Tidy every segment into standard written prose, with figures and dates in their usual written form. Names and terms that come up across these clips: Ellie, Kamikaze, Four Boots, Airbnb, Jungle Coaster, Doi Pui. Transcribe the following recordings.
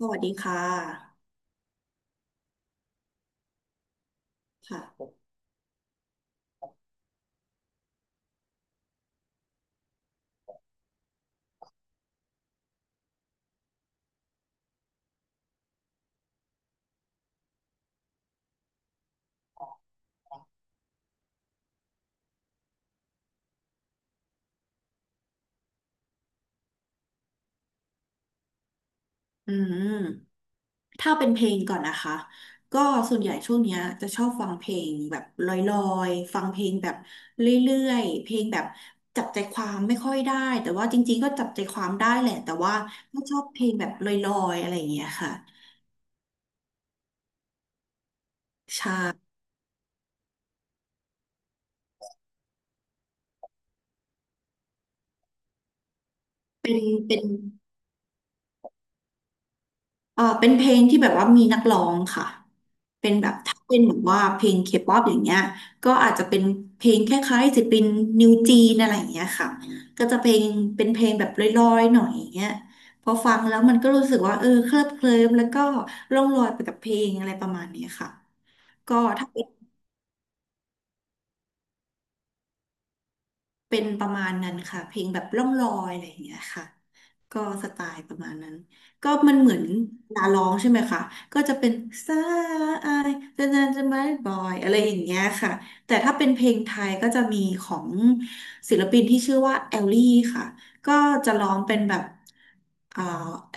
สวัสดีค่ะค่ะอืมถ้าเป็นเพลงก่อนนะคะก็ส่วนใหญ่ช่วงเนี้ยจะชอบฟังเพลงแบบลอยๆฟังเพลงแบบเรื่อยๆเพลงแบบจับใจความไม่ค่อยได้แต่ว่าจริงๆก็จับใจความได้แหละแต่ว่าก็ชอบเพลงแบบลอยๆอะไรอย่างเงี้ยค่ะใช่เป็นเป็น เออเป็นเพลงที่แบบว่ามีนักร้องค่ะเป็นแบบถ้าเป็นแบบว่าเพลงเคป๊อปอย่างเงี้ยก็อาจจะเป็นเพลงคล้ายๆศิลปินนิวจีนอะไรอย่างเงี้ยค่ะก็จะเพลงเป็นเพลงแบบลอยๆหน่อยอย่างเงี้ยพอฟังแล้วมันก็รู้สึกว่าเออเคลิบเคลิ้มแล้วก็ร่องลอยไปกับเพลงอะไรประมาณเนี้ยค่ะก็ถ้าเป็น เป็นประมาณนั้นค่ะเพลงแบบล่องลอยอะไรอย่างเงี้ยค่ะ ก็สไตล์ประมาณนั้นก็มันเหมือนลาร้องใช่ไหมคะก็จะเป็นสายจะนานจะไม่บอยอะไรอย่างเงี้ยค่ะแต่ถ้าเป็นเพลงไทยก็จะมีของศิลปินที่ชื่อว่าแอลลี่ค่ะก็จะร้องเป็นแบบอ่า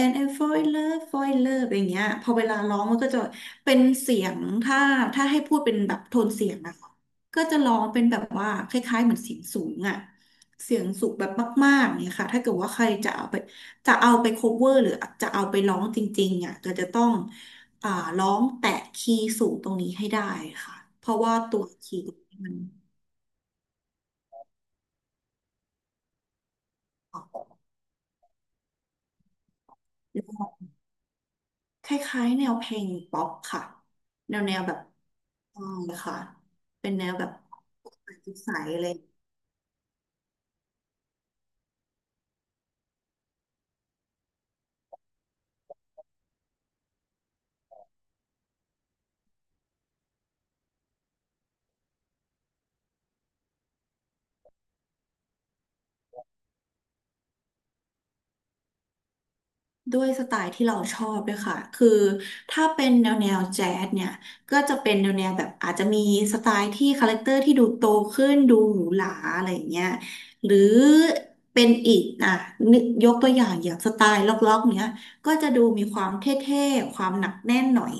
and I fall in love fall in love อะไรอย่างเงี้ยพอเวลาร้องมันก็จะเป็นเสียงถ้าให้พูดเป็นแบบโทนเสียงนะคะ ก็จะร้องเป็นแบบว่าคล้ายๆเหมือนเสียงสูงอะเสียงสูงแบบมากๆเนี่ยค่ะถ้าเกิดว่าใครจะเอาไปจะเอาไป cover หรือจะเอาไปร้องจริงๆอ่ะก็จะต้องอ่าร้องแตะคีย์สูงตรงนี้ให้ได้ค่ะเพราะว่าตัวคีย์ตรงนี้มันออกแล้วคล้ายๆแนวเพลงป๊อปค่ะแนวแนวแบบอ่าค่ะเป็นแนวแบบใสๆเลย ด้วยสไตล์ที่เราชอบด้วยค่ะคือถ้าเป็นแนวแนวแจ๊สเนี่ยก็จะเป็นแนวแนวแบบอาจจะมีสไตล์ที่คาแรคเตอร์ที่ดูโตขึ้นดูหรูหราอะไรอย่างเงี้ยหรือเป็นอีกอ่ะนึกยกตัวอย่างอย่างสไตล์ล็อกๆเนี้ยก็จะดูมีความเท่ๆความหนักแน่นหน่อย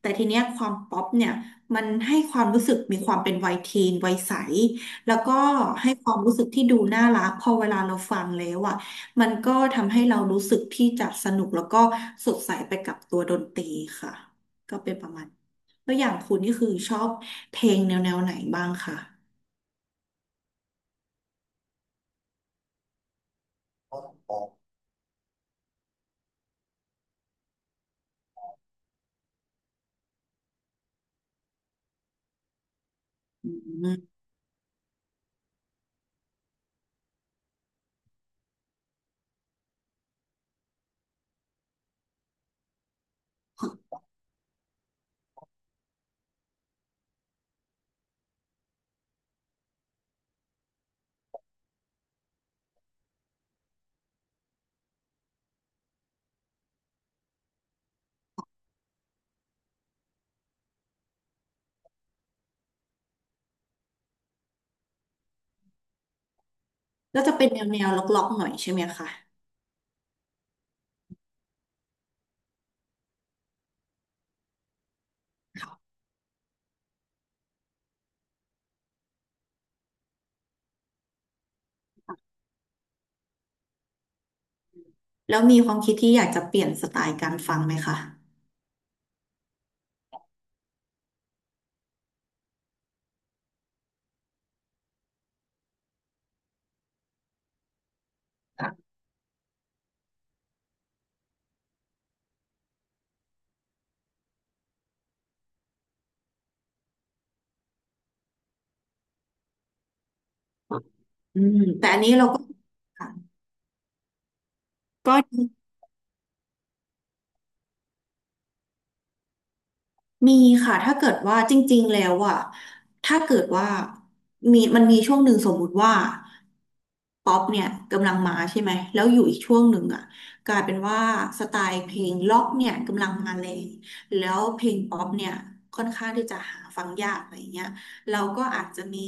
แต่ทีเนี้ยความป๊อปเนี่ยมันให้ความรู้สึกมีความเป็นวัยทีนวัยใสแล้วก็ให้ความรู้สึกที่ดูน่ารักพอเวลาเราฟังแล้วอะ มันก็ทำให้เรารู้สึกที่จะสนุกแล้วก็สดใสไปกับตัวดนตรีค่ะก็เป็นประมาณแล้วอย่างคุณนี่คือชอบเพลงแนวแนวไหนบ้างคะอืมก็จะเป็นแนวแนวล็อกๆหน่อยใช่ไหมคะแล้วมีความคิดที่อยากจะเปลี่ยนสไตล์การฟังไหมคะอืมแต่อันนี้เราก็ค่ะก็ดี มีค่ะถ้าเกิดว่าจริงๆแล้วอะถ้าเกิดว่ามีมันมีช่วงหนึ่งสมมุติว่าป๊อปเนี่ยกำลังมาใช่ไหมแล้วอยู่อีกช่วงหนึ่งอะกลายเป็นว่าสไตล์เพลงล็อกเนี่ยกำลังมาแรงแล้วเพลงป๊อปเนี่ยค่อนข้างที่จะหาฟังยากอะไรอย่างเงี้ยเราก็อาจจะ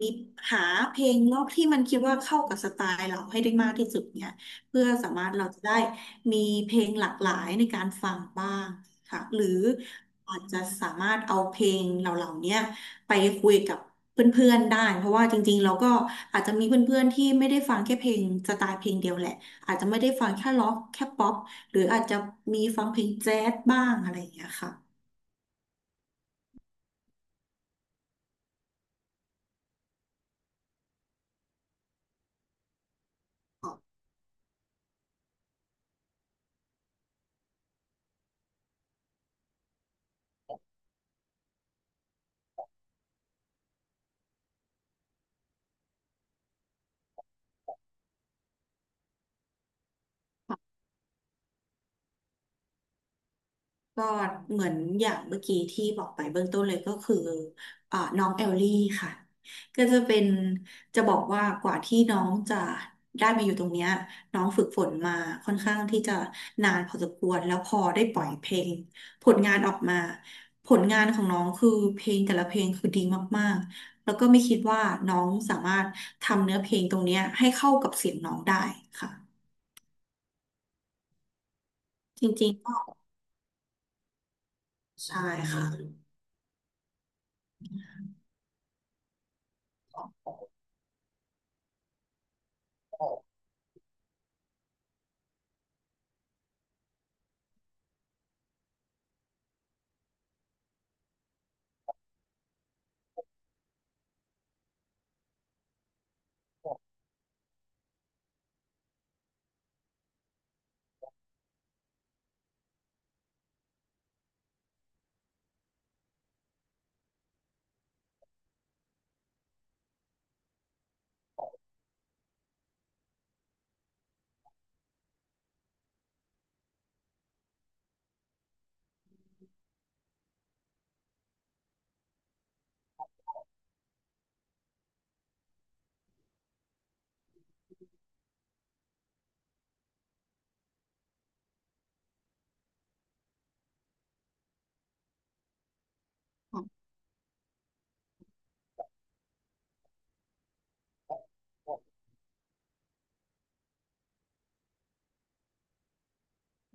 มีหาเพลงล็อกที่มันคิดว่าเข้ากับสไตล์เราให้ได้มากที่สุดเนี่ย เพื่อสามารถเราจะได้มีเพลงหลากหลายในการฟังบ้างค่ะหรืออาจจะสามารถเอาเพลงเหล่าๆเนี้ยไปคุยกับเพื่อนๆได้เพราะว่าจริงๆเราก็อาจจะมีเพื่อนๆที่ไม่ได้ฟังแค่เพลงสไตล์เพลงเดียวแหละอาจจะไม่ได้ฟังแค่ร็อกแค่ป๊อปหรืออาจจะมีฟังเพลงแจ๊สบ้างอะไรอย่างเงี้ยค่ะ ก็เหมือนอย่างเมื่อกี้ที่บอกไปเบื้องต้นเลยก็คือน้องเอลลี่ค่ะก็จะเป็นจะบอกว่ากว่าที่น้องจะได้มาอยู่ตรงเนี้ยน้องฝึกฝนมาค่อนข้างที่จะนานพอสมควรแล้วพอได้ปล่อยเพลงผลงานออกมาผลงานของน้องคือเพลงแต่ละเพลงคือดีมากๆแล้วก็ไม่คิดว่าน้องสามารถทำเนื้อเพลงตรงเนี้ยให้เข้ากับเสียงน้องได้ค่ะจริงๆก็ใช่ค่ะ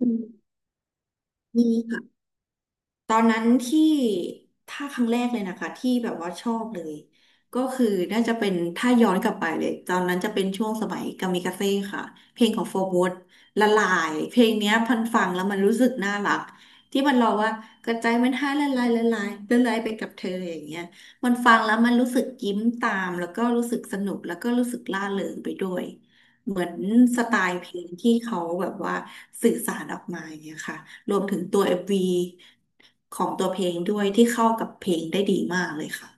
อืมมีค่ะ ตอนนั้นที่ถ้าครั้งแรกเลยนะคะที่แบบว่าชอบเลยก็คือน่าจะเป็นถ้าย้อนกลับไปเลยตอนนั้นจะเป็นช่วงสมัยกามิกาเซ่ค่ะเพลงของโฟร์บูทละลายเพลงเนี้ยพันฟังแล้วมันรู้สึกน่ารักที่มันร้องว่ากระจายมันให้ละลายละลายละลายไปกับเธออย่างเงี้ยมันฟังแล้วมันรู้สึกยิ้มตามแล้วก็รู้สึกสนุกแล้วก็รู้สึกร่าเริงไปด้วย เหมือนสไตล์เพลงที่เขาแบบว่าสื่อสารออกมาอย่างเงี้ยค่ะรวมถึงตัวเอ็มว v ของตัวเพลงด้วยที่เข้ากับเพลงได้ดีมากเลยค่ะ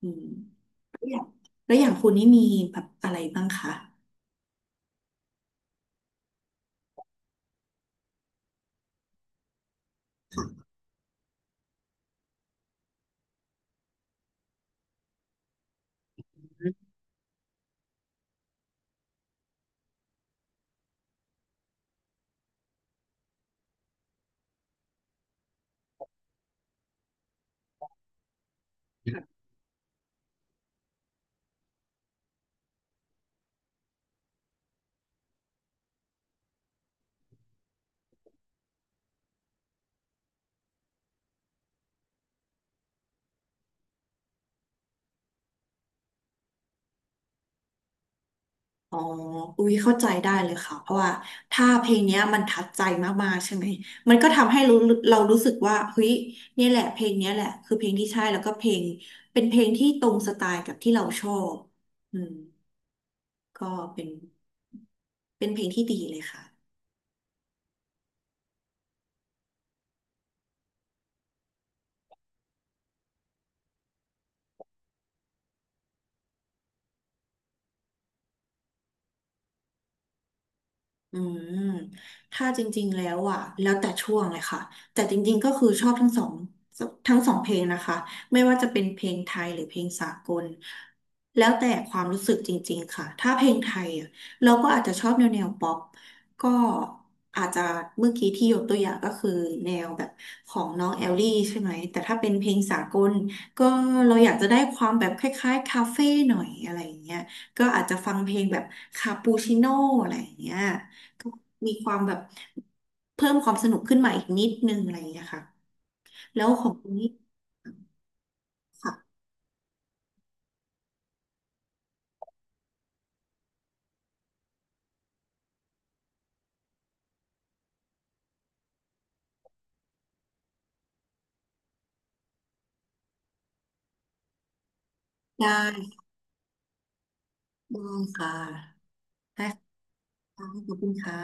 อืมแล้วอย่างแล้วอย่างคุณนี่มีแบบอะไรบ้างคะ อ๋ออุ้ยเข้าใจได้เลยค่ะ เพราะว่าถ้าเพลงเนี้ยมันทัดใจมากๆใช่ไหม มันก็ทำให้รู้เรารู้สึกว่าเฮ้ยเนี่ยแหละเพลงเนี้ยแหละคือเพลงที่ใช่แล้วก็เพลงเป็นเพลงที่ตรงสไตล์กับที่เราชอบอืมก็เป็น เป็นเพลงที่ดีเลยค่ะ อืมถ้าจริงๆแล้วอ่ะแล้วแต่ช่วงเลยค่ะ แต่จริงๆก็คือชอบทั้งสองเพลงนะคะไม่ว่าจะเป็นเพลงไทยหรือเพลงสากลแล้วแต่ความรู้สึกจริงๆค่ะถ้าเพลงไทยอ่ะเราก็อาจจะชอบแนวแนวป๊อปก็อาจจะเมื่อกี้ที่ยกตัวอย่างก็คือแนวแบบของน้องแอลลี่ใช่ไหม แต่ถ้าเป็นเพลงสากลก็เราอยากจะได้ความแบบคล้ายๆคาเฟ่หน่อยอะไรอย่างเงี้ยก็อาจจะฟังเพลงแบบคาปูชิโน่อะไรอย่างเงี้ย มีความแบบเพิ่มความสนุกขึ้นมาอีกนิดนึงอะไรอย่างเงี้ยค่ะแล้วของคุณนี่ค่ะได้ได้ค่ะได้ค่ะขอบคุณค่ะ